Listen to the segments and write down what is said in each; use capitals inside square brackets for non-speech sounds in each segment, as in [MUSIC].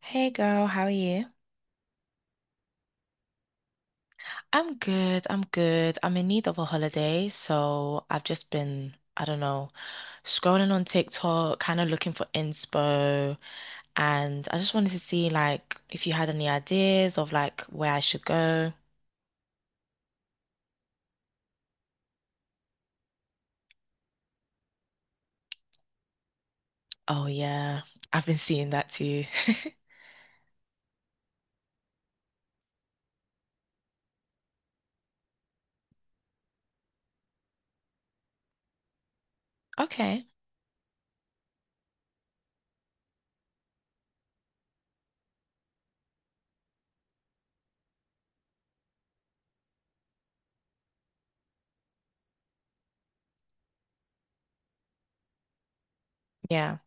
Hey girl, how are you? I'm good. I'm good. I'm in need of a holiday, so I've just been, I don't know, scrolling on TikTok, kind of looking for inspo, and I just wanted to see like if you had any ideas of like where I should go. Oh yeah, I've been seeing that too. [LAUGHS] Okay. Yeah.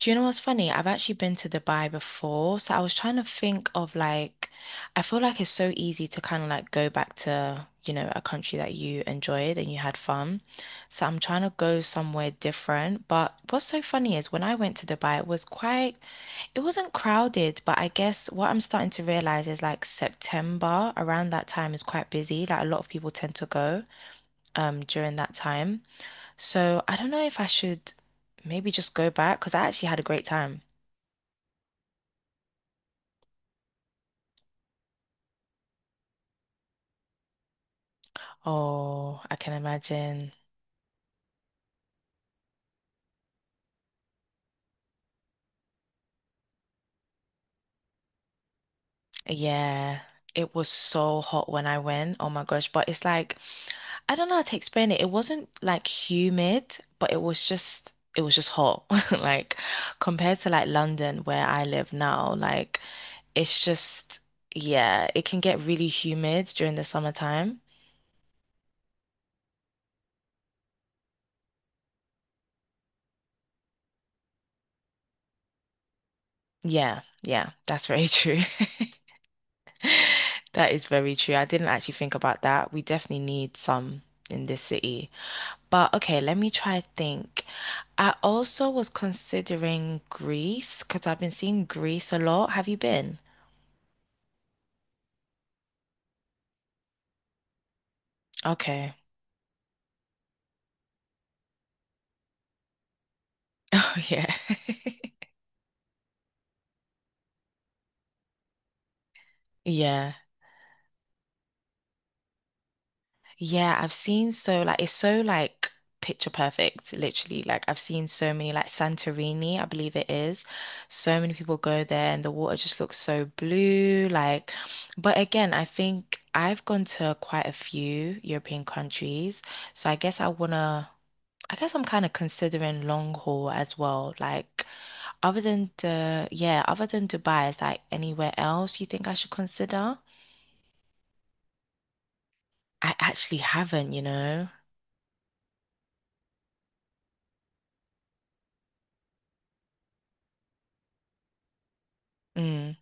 Do you know what's funny? I've actually been to Dubai before, so I was trying to think of like, I feel like it's so easy to kind of like go back to a country that you enjoyed and you had fun. So I'm trying to go somewhere different. But what's so funny is when I went to Dubai, it wasn't crowded, but I guess what I'm starting to realize is like September around that time is quite busy. Like a lot of people tend to go during that time. So I don't know if I should maybe just go back because I actually had a great time. Oh, I can imagine. Yeah, it was so hot when I went. Oh my gosh. But it's like, I don't know how to explain it. It wasn't like humid, but it was just hot. [LAUGHS] Like, compared to like London where I live now, like, it's just, yeah, it can get really humid during the summertime. Yeah, yeah, that's very true. [LAUGHS] That is very true. I didn't actually think about that. We definitely need some in this city. But okay, let me try think. I also was considering Greece because I've been seeing Greece a lot. Have you been? Okay. [LAUGHS] Oh yeah. [LAUGHS] Yeah. Yeah, I've seen so like it's so like picture perfect, literally. Like I've seen so many like Santorini, I believe it is. So many people go there and the water just looks so blue, like but again, I think I've gone to quite a few European countries, so I guess I'm kind of considering long haul as well. Like, yeah, other than Dubai, is like anywhere else you think I should consider? I actually haven't, you know? Mm,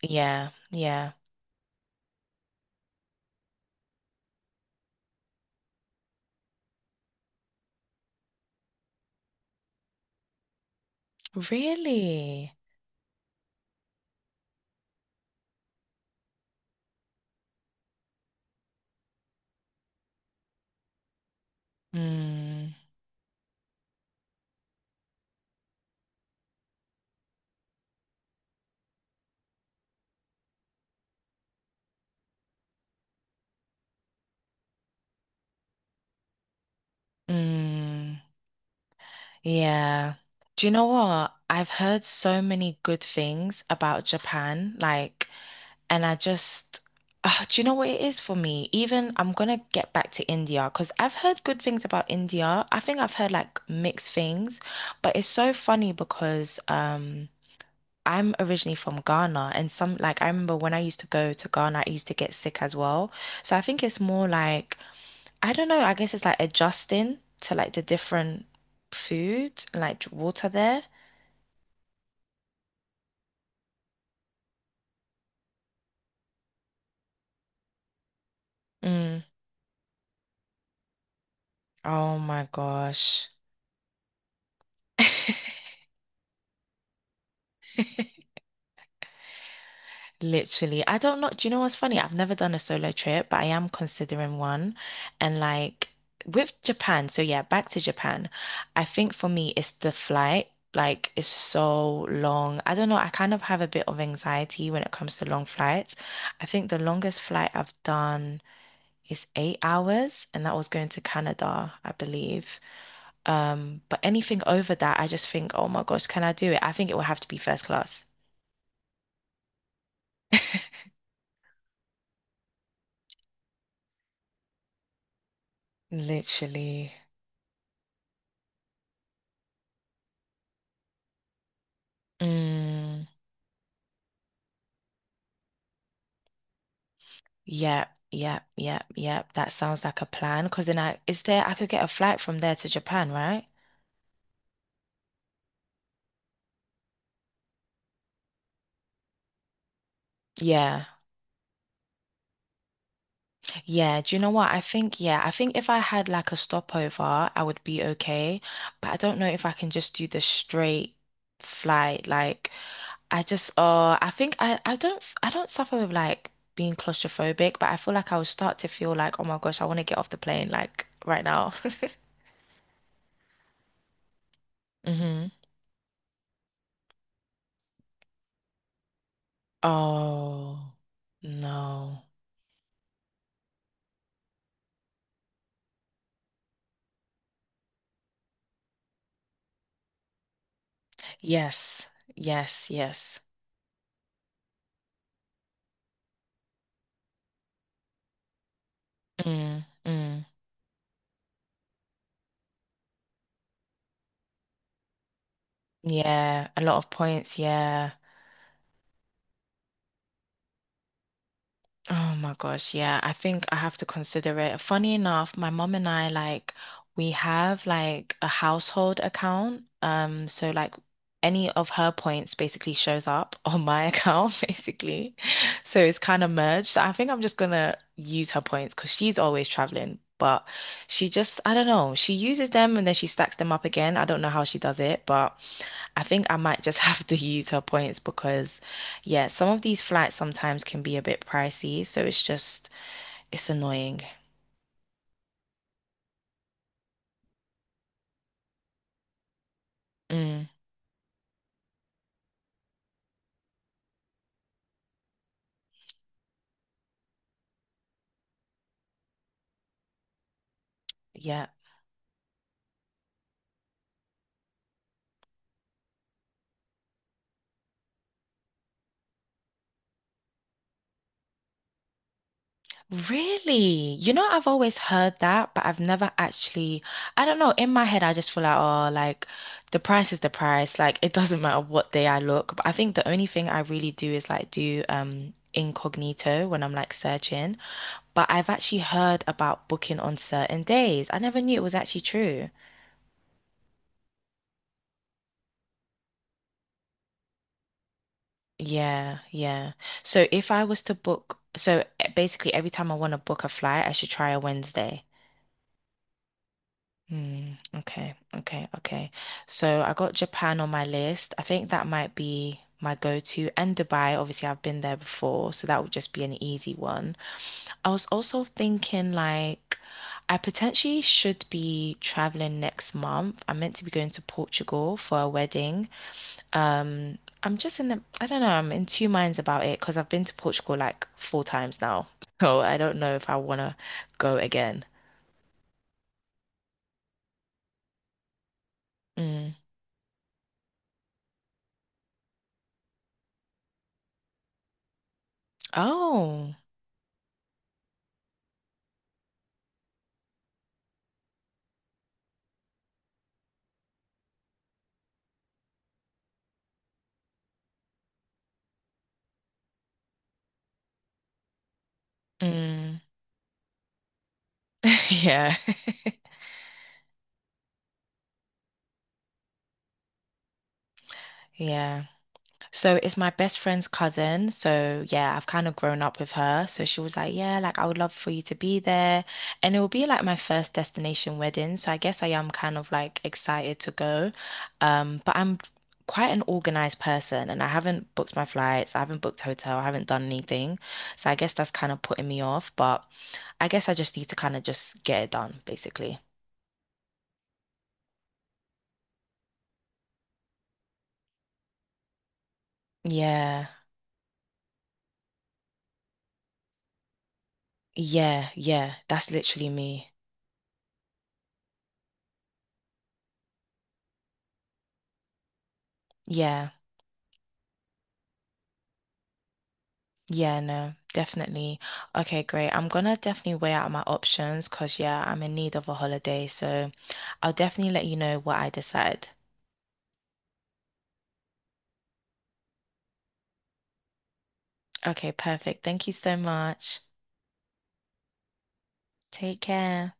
yeah, yeah. Really? Mm, mm, yeah. Do you know what? I've heard so many good things about Japan. Like, And I just, ah, do you know what it is for me? Even I'm gonna get back to India because I've heard good things about India. I think I've heard like mixed things, but it's so funny because I'm originally from Ghana and some like I remember when I used to go to Ghana, I used to get sick as well. So I think it's more like I don't know, I guess it's like adjusting to like the different food and like water there. Mm. Oh my gosh. [LAUGHS] Literally, I don't know. Do you know what's funny? I've never done a solo trip, but I am considering one. And like with Japan, so yeah, back to Japan. I think for me, it's the flight. Like, it's so long. I don't know. I kind of have a bit of anxiety when it comes to long flights. I think the longest flight I've done is 8 hours, and that was going to Canada, I believe. But anything over that, I just think, oh my gosh, can I do it? I think it will have to be first class. Literally. Mm. Yep, yep, yep, yep. That sounds like a plan. Because then I, is there, I could get a flight from there to Japan, right? Yeah. Yeah. Do you know what? I think, yeah, I think if I had like a stopover, I would be okay. But I don't know if I can just do the straight flight. Like, I just, I think I don't suffer with like being claustrophobic, but I feel like I will start to feel like, oh my gosh, I want to get off the plane like right now. [LAUGHS] Mm-hmm. Oh, no. Yes. Yes. Yes. Mm, mm. Yeah. A lot of points. Yeah. Oh my gosh, yeah. I think I have to consider it. Funny enough, my mom and I like we have like a household account. So like any of her points basically shows up on my [LAUGHS] account, basically. So it's kind of merged. So I think I'm just gonna use her points because she's always traveling. But she just, I don't know, she uses them and then she stacks them up again. I don't know how she does it, but I think I might just [LAUGHS] have to use her points because, yeah, some of these flights sometimes can be a bit pricey, so it's just it's annoying. Mm, yeah. Really? You know, I've always heard that, but I've never actually, I don't know, in my head I just feel like, oh, like the price is the price, like it [LAUGHS] doesn't matter what day I look. But I think the only thing I really do is like do incognito when I'm like searching. But I've actually heard about booking on certain days. I never knew it was actually true. Yeah, yeah. So if I was to book, basically every time I want to book a flight, I should try a Wednesday. Mm, okay, okay, okay. So I got Japan on my list. I think that might be my go-to. And Dubai, obviously I've been there before, so that would just be an easy one. I was also thinking like I potentially should be traveling next month. I'm meant to be going to Portugal for a wedding. I don't know, I'm in two minds about it because I've been to Portugal like four times now. [LAUGHS] So I don't know if I want to go again. Mm. Oh. Mm. [LAUGHS] Yeah. [LAUGHS] Yeah. So it's my best friend's cousin. So yeah, I've kind of grown up with her. So she was like, yeah, like I would love for you to be there. And it will be like my first destination wedding. So I guess I am kind of like excited to go. But I'm quite an organized person and I haven't booked my flights, I haven't booked hotel, I haven't done anything. So I guess that's kind of putting me off, but I guess I just need to kind of just get it done, basically. Yeah. Yeah, yeah. That's literally me. Yeah. Yeah, no, definitely. Okay, great. I'm gonna definitely weigh out my options because, yeah, I'm in need of a holiday. So I'll definitely let you know what I decide. Okay, perfect. Thank you so much. Take care.